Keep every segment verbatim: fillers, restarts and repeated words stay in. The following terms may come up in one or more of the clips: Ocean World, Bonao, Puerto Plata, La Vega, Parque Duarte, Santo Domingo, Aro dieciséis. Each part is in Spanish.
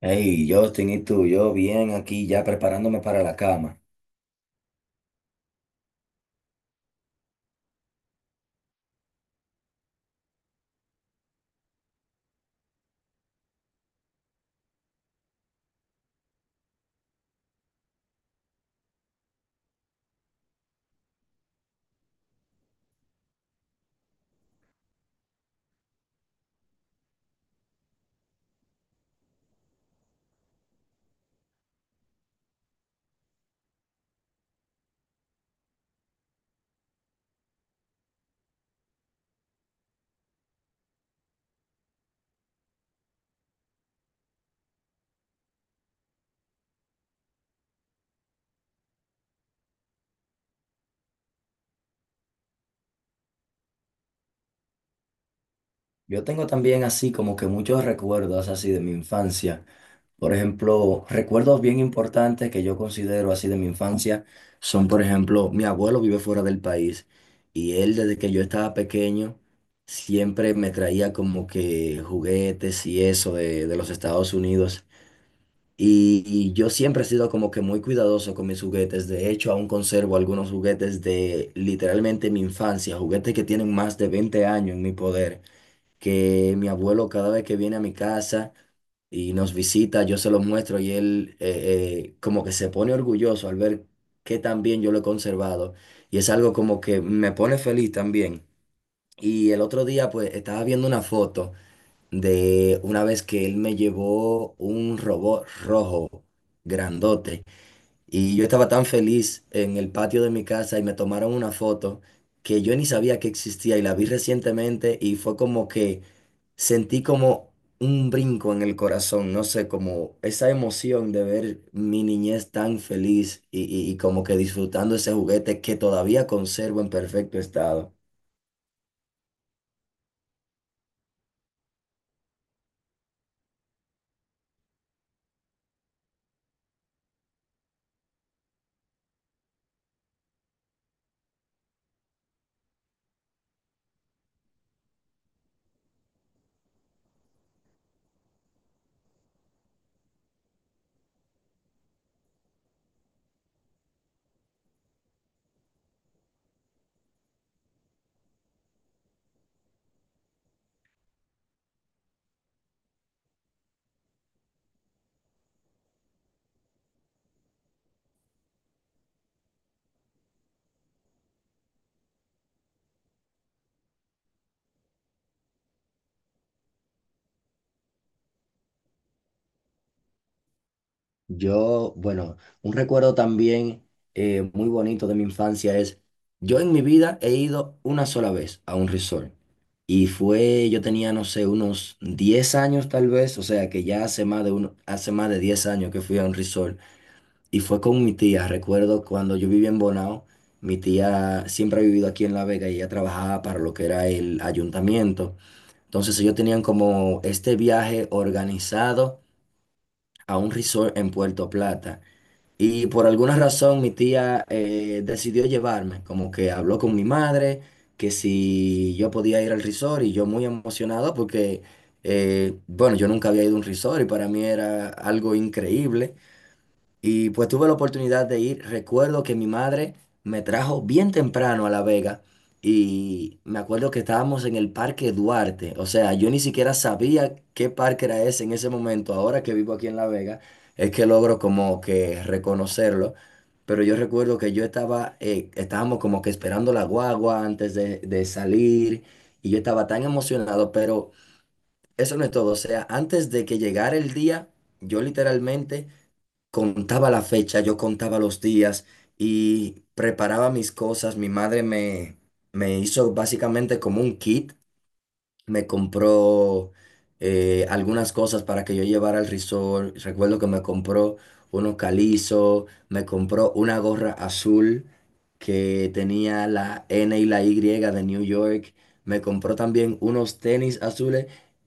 Hey, Justin, ¿y tú? Yo bien aquí ya preparándome para la cama. Yo tengo también así como que muchos recuerdos así de mi infancia. Por ejemplo, recuerdos bien importantes que yo considero así de mi infancia son, por ejemplo, mi abuelo vive fuera del país y él desde que yo estaba pequeño siempre me traía como que juguetes y eso de, de los Estados Unidos. Y, y yo siempre he sido como que muy cuidadoso con mis juguetes. De hecho, aún conservo algunos juguetes de literalmente mi infancia, juguetes que tienen más de veinte años en mi poder, que mi abuelo cada vez que viene a mi casa y nos visita, yo se los muestro y él eh, eh, como que se pone orgulloso al ver que tan bien yo lo he conservado. Y es algo como que me pone feliz también. Y el otro día pues estaba viendo una foto de una vez que él me llevó un robot rojo, grandote, y yo estaba tan feliz en el patio de mi casa y me tomaron una foto que yo ni sabía que existía y la vi recientemente y fue como que sentí como un brinco en el corazón, no sé, como esa emoción de ver mi niñez tan feliz y, y y como que disfrutando ese juguete que todavía conservo en perfecto estado. Yo, bueno, un recuerdo también eh, muy bonito de mi infancia es, yo en mi vida he ido una sola vez a un resort y fue, yo tenía, no sé, unos diez años tal vez, o sea que ya hace más de uno, hace más de diez años que fui a un resort y fue con mi tía, recuerdo cuando yo vivía en Bonao, mi tía siempre ha vivido aquí en La Vega y ella trabajaba para lo que era el ayuntamiento, entonces ellos tenían como este viaje organizado a un resort en Puerto Plata. Y por alguna razón mi tía eh, decidió llevarme, como que habló con mi madre, que si yo podía ir al resort y yo muy emocionado porque, eh, bueno, yo nunca había ido a un resort y para mí era algo increíble. Y pues tuve la oportunidad de ir. Recuerdo que mi madre me trajo bien temprano a La Vega y me acuerdo que estábamos en el Parque Duarte. O sea, yo ni siquiera sabía qué parque era ese en ese momento. Ahora que vivo aquí en La Vega, es que logro como que reconocerlo. Pero yo recuerdo que yo estaba, eh, estábamos como que esperando la guagua antes de, de salir y yo estaba tan emocionado, pero eso no es todo. O sea, antes de que llegara el día, yo literalmente contaba la fecha, yo contaba los días y preparaba mis cosas. Mi madre me, me hizo básicamente como un kit, me compró eh, algunas cosas para que yo llevara al resort. Recuerdo que me compró unos calizos, me compró una gorra azul que tenía la N y la Y de New York. Me compró también unos tenis azules.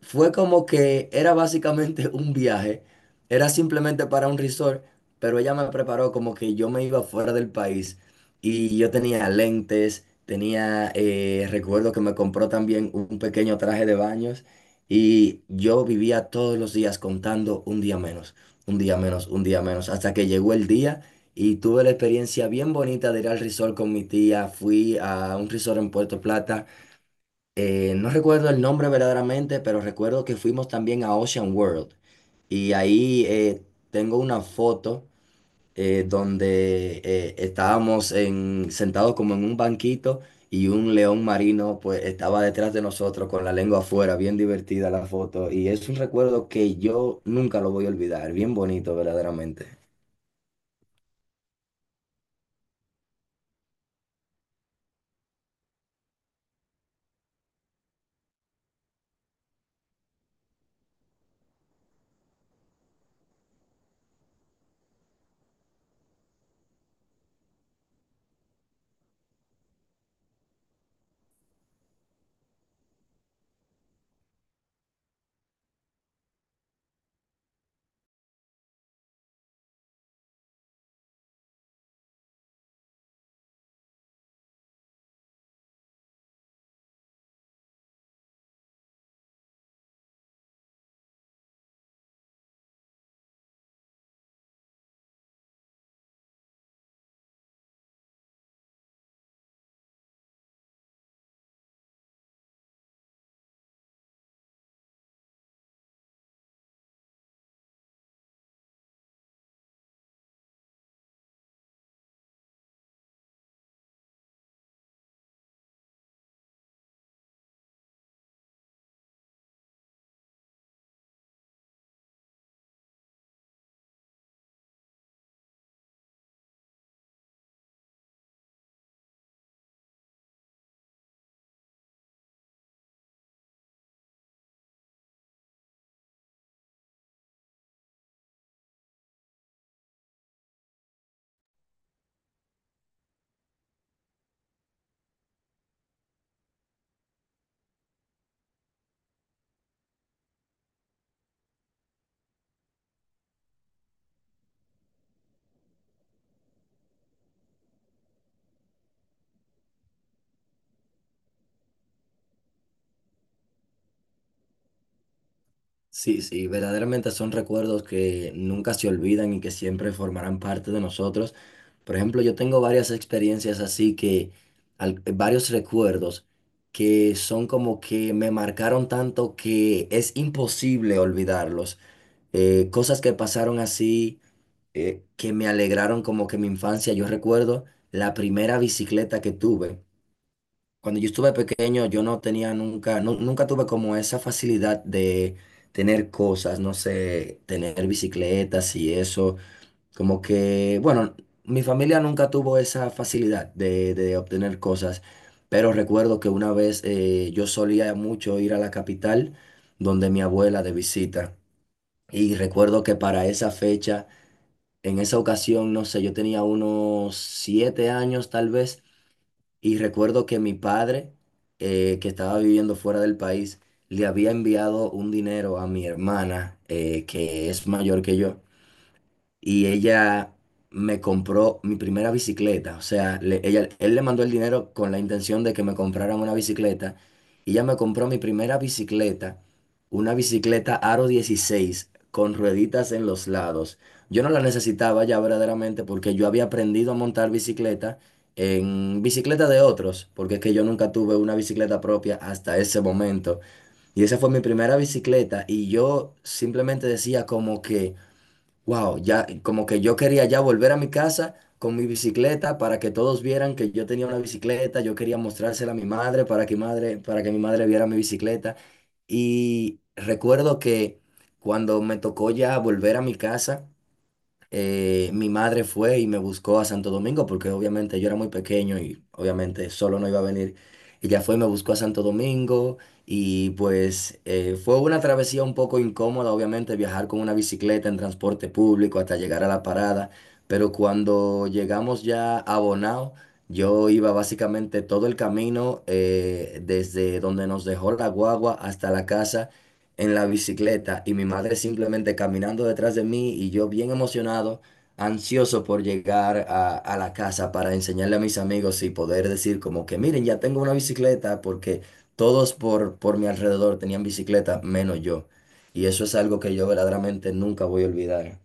Fue como que era básicamente un viaje, era simplemente para un resort, pero ella me preparó como que yo me iba fuera del país y yo tenía lentes. Tenía, eh, recuerdo que me compró también un pequeño traje de baños y yo vivía todos los días contando un día menos, un día menos, un día menos, hasta que llegó el día y tuve la experiencia bien bonita de ir al resort con mi tía. Fui a un resort en Puerto Plata, eh, no recuerdo el nombre verdaderamente, pero recuerdo que fuimos también a Ocean World y ahí eh, tengo una foto eh, donde eh, estábamos en- sentados como en un banquito y un león marino pues estaba detrás de nosotros con la lengua afuera, bien divertida la foto y es un recuerdo que yo nunca lo voy a olvidar, bien bonito verdaderamente. Sí, sí, verdaderamente son recuerdos que nunca se olvidan y que siempre formarán parte de nosotros. Por ejemplo, yo tengo varias experiencias así que, al- varios recuerdos que son como que me marcaron tanto que es imposible olvidarlos. Eh, cosas que pasaron así, eh, que me alegraron como que mi infancia. Yo recuerdo la primera bicicleta que tuve. Cuando yo estuve pequeño, yo no tenía nunca, nu- nunca tuve como esa facilidad de tener cosas, no sé, tener bicicletas y eso. Como que, bueno, mi familia nunca tuvo esa facilidad de, de obtener cosas, pero recuerdo que una vez eh, yo solía mucho ir a la capital donde mi abuela de visita. Y recuerdo que para esa fecha, en esa ocasión, no sé, yo tenía unos siete años tal vez. Y recuerdo que mi padre, eh, que estaba viviendo fuera del país, le había enviado un dinero a mi hermana, eh, que es mayor que yo y ella me compró mi primera bicicleta. O sea, le- ella, él le mandó el dinero con la intención de que me compraran una bicicleta. Y ella me compró mi primera bicicleta, una bicicleta Aro dieciséis con rueditas en los lados. Yo no la necesitaba ya verdaderamente porque yo había aprendido a montar bicicleta en bicicleta de otros, porque es que yo nunca tuve una bicicleta propia hasta ese momento. Y esa fue mi primera bicicleta y yo simplemente decía como que... Wow, ya como que yo quería ya volver a mi casa con mi bicicleta para que todos vieran que yo tenía una bicicleta, yo quería mostrársela a mi madre para que madre, para que mi madre viera mi bicicleta. Y recuerdo que cuando me tocó ya volver a mi casa, eh, mi madre fue y me buscó a Santo Domingo porque obviamente yo era muy pequeño y obviamente solo no iba a venir. Ella fue y me buscó a Santo Domingo y pues eh, fue una travesía un poco incómoda, obviamente viajar con una bicicleta en transporte público hasta llegar a la parada, pero cuando llegamos ya a Bonao, yo iba básicamente todo el camino eh, desde donde nos dejó la guagua hasta la casa en la bicicleta y mi madre simplemente caminando detrás de mí y yo bien emocionado, ansioso por llegar a, a la casa para enseñarle a mis amigos y poder decir como que miren, ya tengo una bicicleta porque todos por, por mi alrededor tenían bicicleta menos yo. Y eso es algo que yo verdaderamente nunca voy a olvidar.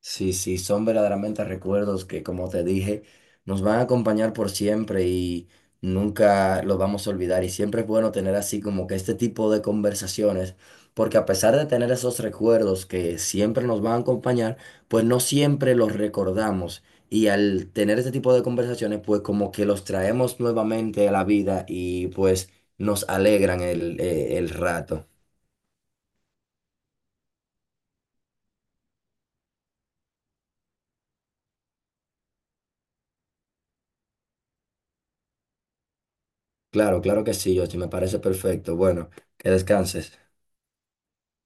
Sí, sí, son verdaderamente recuerdos que, como te dije, nos van a acompañar por siempre y nunca los vamos a olvidar. Y siempre es bueno tener así como que este tipo de conversaciones, porque a pesar de tener esos recuerdos que siempre nos van a acompañar, pues no siempre los recordamos. Y al tener este tipo de conversaciones, pues como que los traemos nuevamente a la vida y pues nos alegran el, eh, el rato. Claro, claro que sí, Yoshi, me parece perfecto. Bueno, que descanses.